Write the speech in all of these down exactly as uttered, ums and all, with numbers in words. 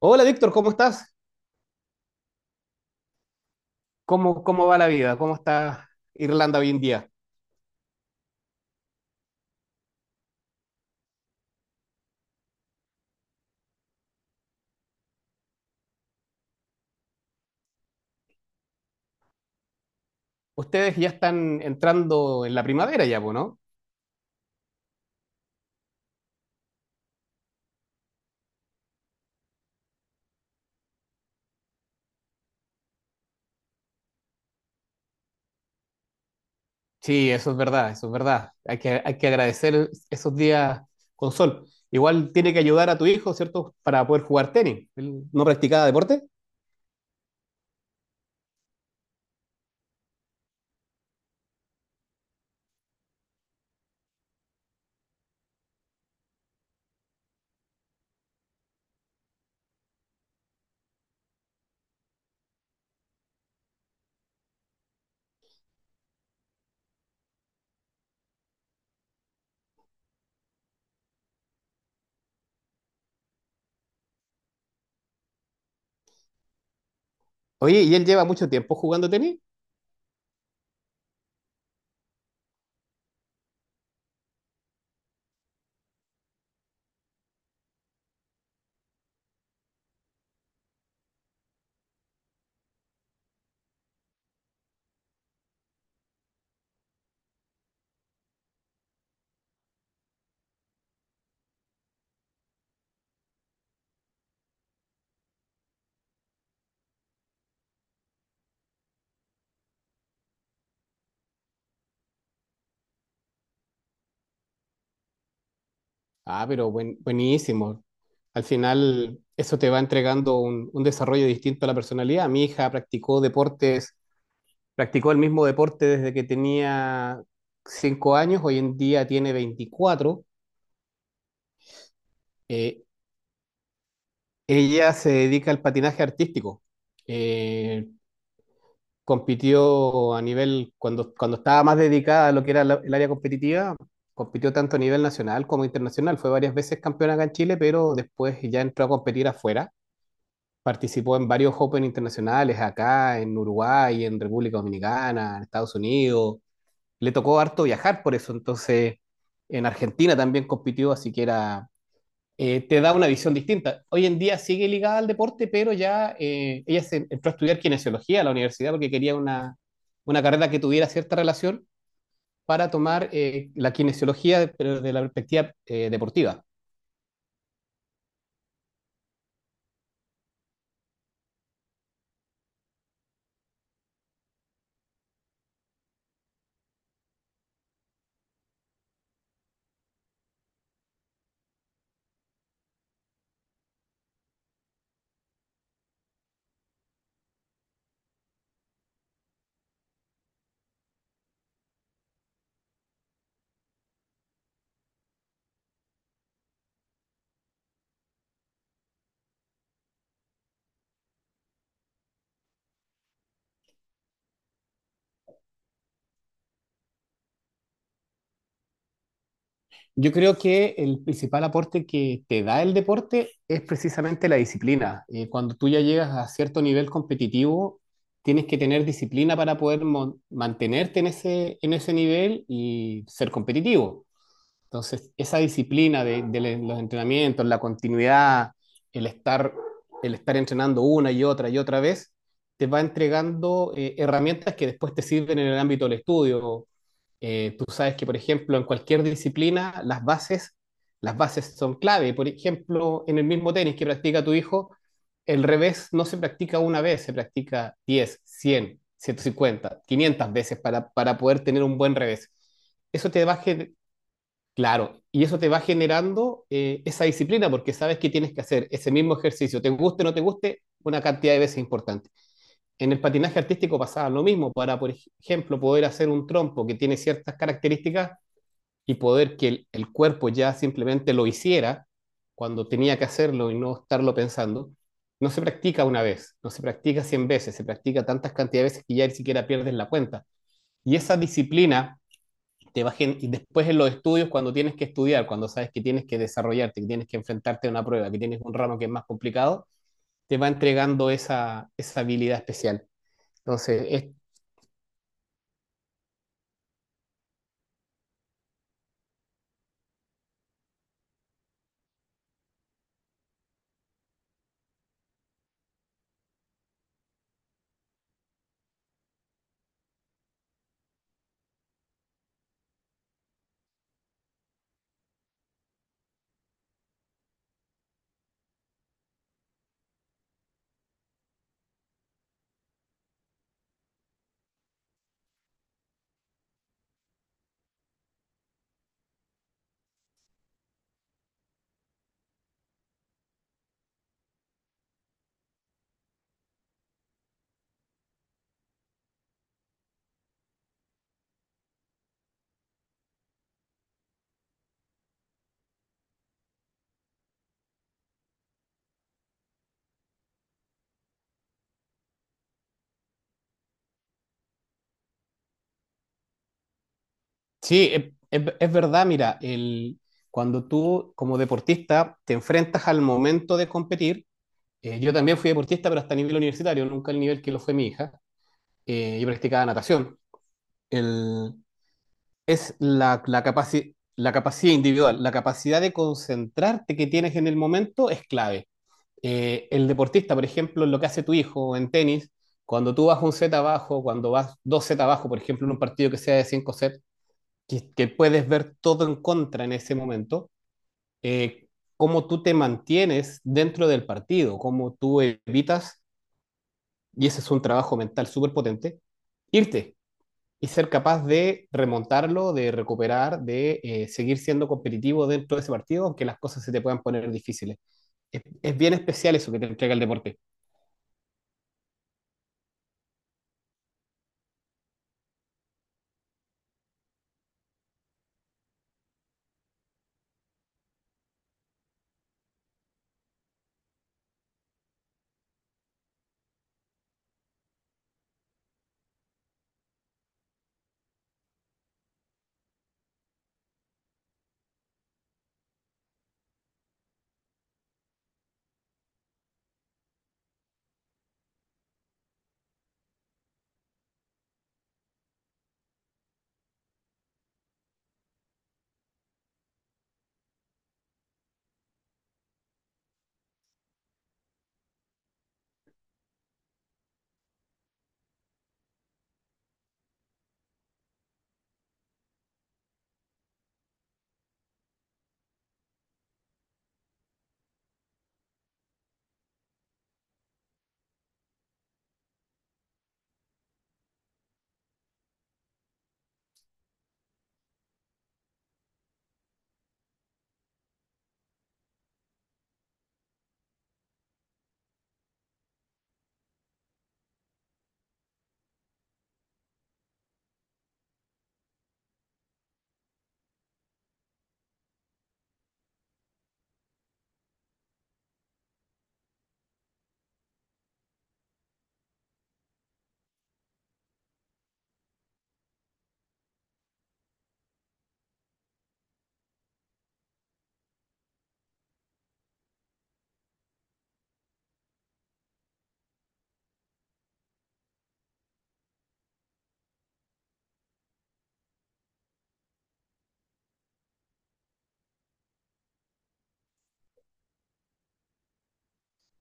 Hola Víctor, ¿cómo estás? ¿Cómo, cómo va la vida? ¿Cómo está Irlanda hoy en día? Ustedes ya están entrando en la primavera ya, po, ¿no? Sí, eso es verdad, eso es verdad. Hay que, hay que agradecer esos días con sol. Igual tiene que ayudar a tu hijo, ¿cierto? Para poder jugar tenis. Él no practicaba deporte. Oye, ¿y él lleva mucho tiempo jugando tenis? Ah, pero buen- buenísimo. Al final, eso te va entregando un, un desarrollo distinto a la personalidad. Mi hija practicó deportes. Practicó el mismo deporte desde que tenía cinco años, hoy en día tiene veinticuatro. Eh, Ella se dedica al patinaje artístico. Eh, Compitió a nivel, cuando, cuando estaba más dedicada a lo que era la- el área competitiva, compitió tanto a nivel nacional como internacional. Fue varias veces campeona acá en Chile, pero después ya entró a competir afuera. Participó en varios Open internacionales acá, en Uruguay, en República Dominicana, en Estados Unidos. Le tocó harto viajar por eso, entonces en Argentina también compitió, así que era, eh, te da una visión distinta. Hoy en día sigue ligada al deporte, pero ya eh, ella se entró a estudiar kinesiología a la universidad porque quería una, una carrera que tuviera cierta relación para tomar eh, la kinesiología, pero de la perspectiva eh, deportiva. Yo creo que el principal aporte que te da el deporte es precisamente la disciplina. Eh, cuando tú ya llegas a cierto nivel competitivo, tienes que tener disciplina para poder mon- mantenerte en ese, en ese nivel y ser competitivo. Entonces, esa disciplina de, de los entrenamientos, la continuidad, el estar, el estar entrenando una y otra y otra vez, te va entregando eh, herramientas que después te sirven en el ámbito del estudio. Eh, tú sabes que, por ejemplo, en cualquier disciplina, las bases, las bases son clave. Por ejemplo, en el mismo tenis que practica tu hijo, el revés no se practica una vez, se practica diez cien ciento cincuenta quinientas veces para, para poder tener un buen revés. Eso te va, Claro, y eso te va generando eh, esa disciplina porque sabes que tienes que hacer ese mismo ejercicio, te guste o no te guste, una cantidad de veces importante. En el patinaje artístico pasaba lo mismo, para, por ej- ejemplo, poder hacer un trompo que tiene ciertas características y poder que el, el cuerpo ya simplemente lo hiciera cuando tenía que hacerlo y no estarlo pensando, no se practica una vez, no se practica cien veces, se practica tantas cantidades de veces que ya ni siquiera pierdes la cuenta. Y esa disciplina te vas gen- y después en los estudios, cuando tienes que estudiar, cuando sabes que tienes que desarrollarte, que tienes que enfrentarte a una prueba, que tienes un ramo que es más complicado, te va entregando esa, esa habilidad especial. Entonces, es- sí, es, es- es verdad, mira, el, cuando tú como deportista te enfrentas al momento de competir, eh, yo también fui deportista, pero hasta a nivel universitario, nunca al nivel que lo fue mi hija, eh, yo practicaba natación. El, es la, la, capaci- la capacidad individual, la capacidad de concentrarte que tienes en el momento es clave. Eh, el deportista, por ejemplo, lo que hace tu hijo en tenis, cuando tú vas un set abajo, cuando vas dos set abajo, por ejemplo, en un partido que sea de cinco sets, que, que puedes ver todo en contra en ese momento, eh, cómo tú te mantienes dentro del partido, cómo tú evitas, y ese es un trabajo mental súper potente, irte y ser capaz de remontarlo, de recuperar, de eh, seguir siendo competitivo dentro de ese partido, aunque las cosas se te puedan poner difíciles. Es, es bien especial eso que te entrega el deporte.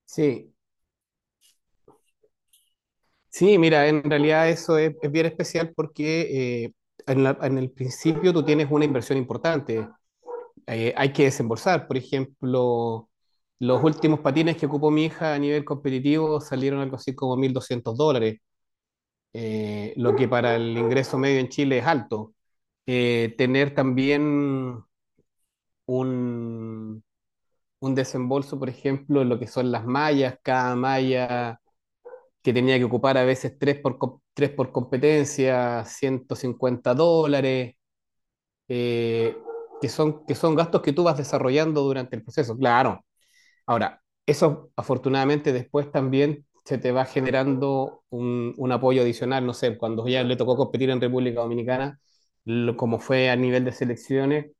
Sí, sí, mira, en realidad eso es, es bien especial porque eh, en, la- en el principio tú tienes una inversión importante. Eh, hay que desembolsar, por ejemplo, los últimos patines que ocupó mi hija a nivel competitivo salieron algo así como mil doscientos dólares, eh, lo que para el ingreso medio en Chile es alto. Eh, tener también un, un desembolso, por ejemplo, en lo que son las mallas, cada malla que tenía que ocupar a veces tres por, co- tres por competencia, ciento cincuenta dólares, eh, que son, que son gastos que tú vas desarrollando durante el proceso. Claro, ahora, eso afortunadamente después también se te va generando un, un apoyo adicional, no sé, cuando ya le tocó competir en República Dominicana, lo- como fue a nivel de selecciones,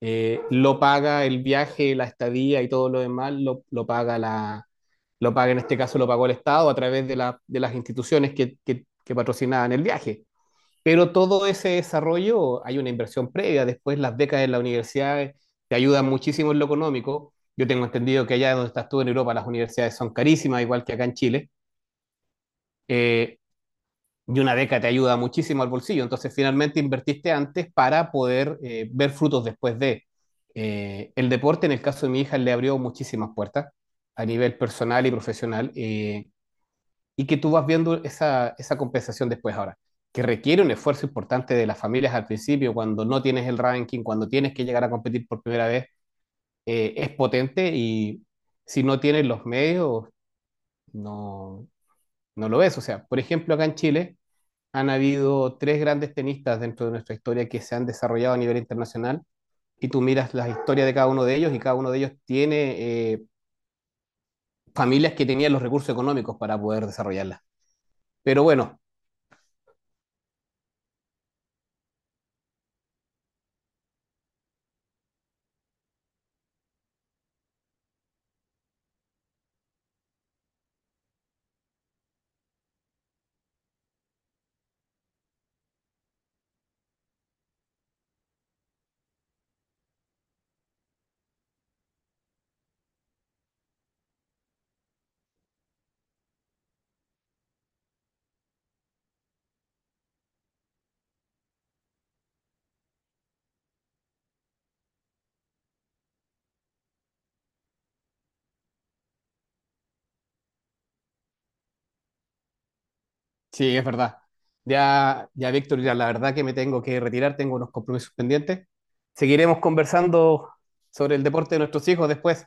eh, lo paga el viaje, la estadía y todo lo demás, lo, lo paga la, lo paga en este caso lo pagó el Estado a través de, la- de las instituciones que, que- que patrocinaban el viaje. Pero todo ese desarrollo hay una inversión previa. Después las becas en la universidad eh, te ayudan muchísimo en lo económico. Yo tengo entendido que allá donde estás tú en Europa las universidades son carísimas, igual que acá en Chile. Eh, y una beca te ayuda muchísimo al bolsillo. Entonces finalmente invertiste antes para poder eh, ver frutos después de... Eh, el deporte, en el caso de mi hija, le abrió muchísimas puertas a nivel personal y profesional. Eh, y que tú vas viendo esa, esa compensación después ahora, que requiere un esfuerzo importante de las familias al principio, cuando no tienes el ranking, cuando tienes que llegar a competir por primera vez, eh, es potente y si no tienes los medios, no, no lo ves. O sea, por ejemplo, acá en Chile han habido tres grandes tenistas dentro de nuestra historia que se han desarrollado a nivel internacional y tú miras las historias de cada uno de ellos y cada uno de ellos tiene eh, familias que tenían los recursos económicos para poder desarrollarlas. Pero bueno, sí, es verdad. Ya, ya, Víctor, ya la verdad que me tengo que retirar, tengo unos compromisos pendientes. Seguiremos conversando sobre el deporte de nuestros hijos después.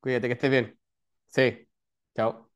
Cuídate que estés bien. Sí, chao.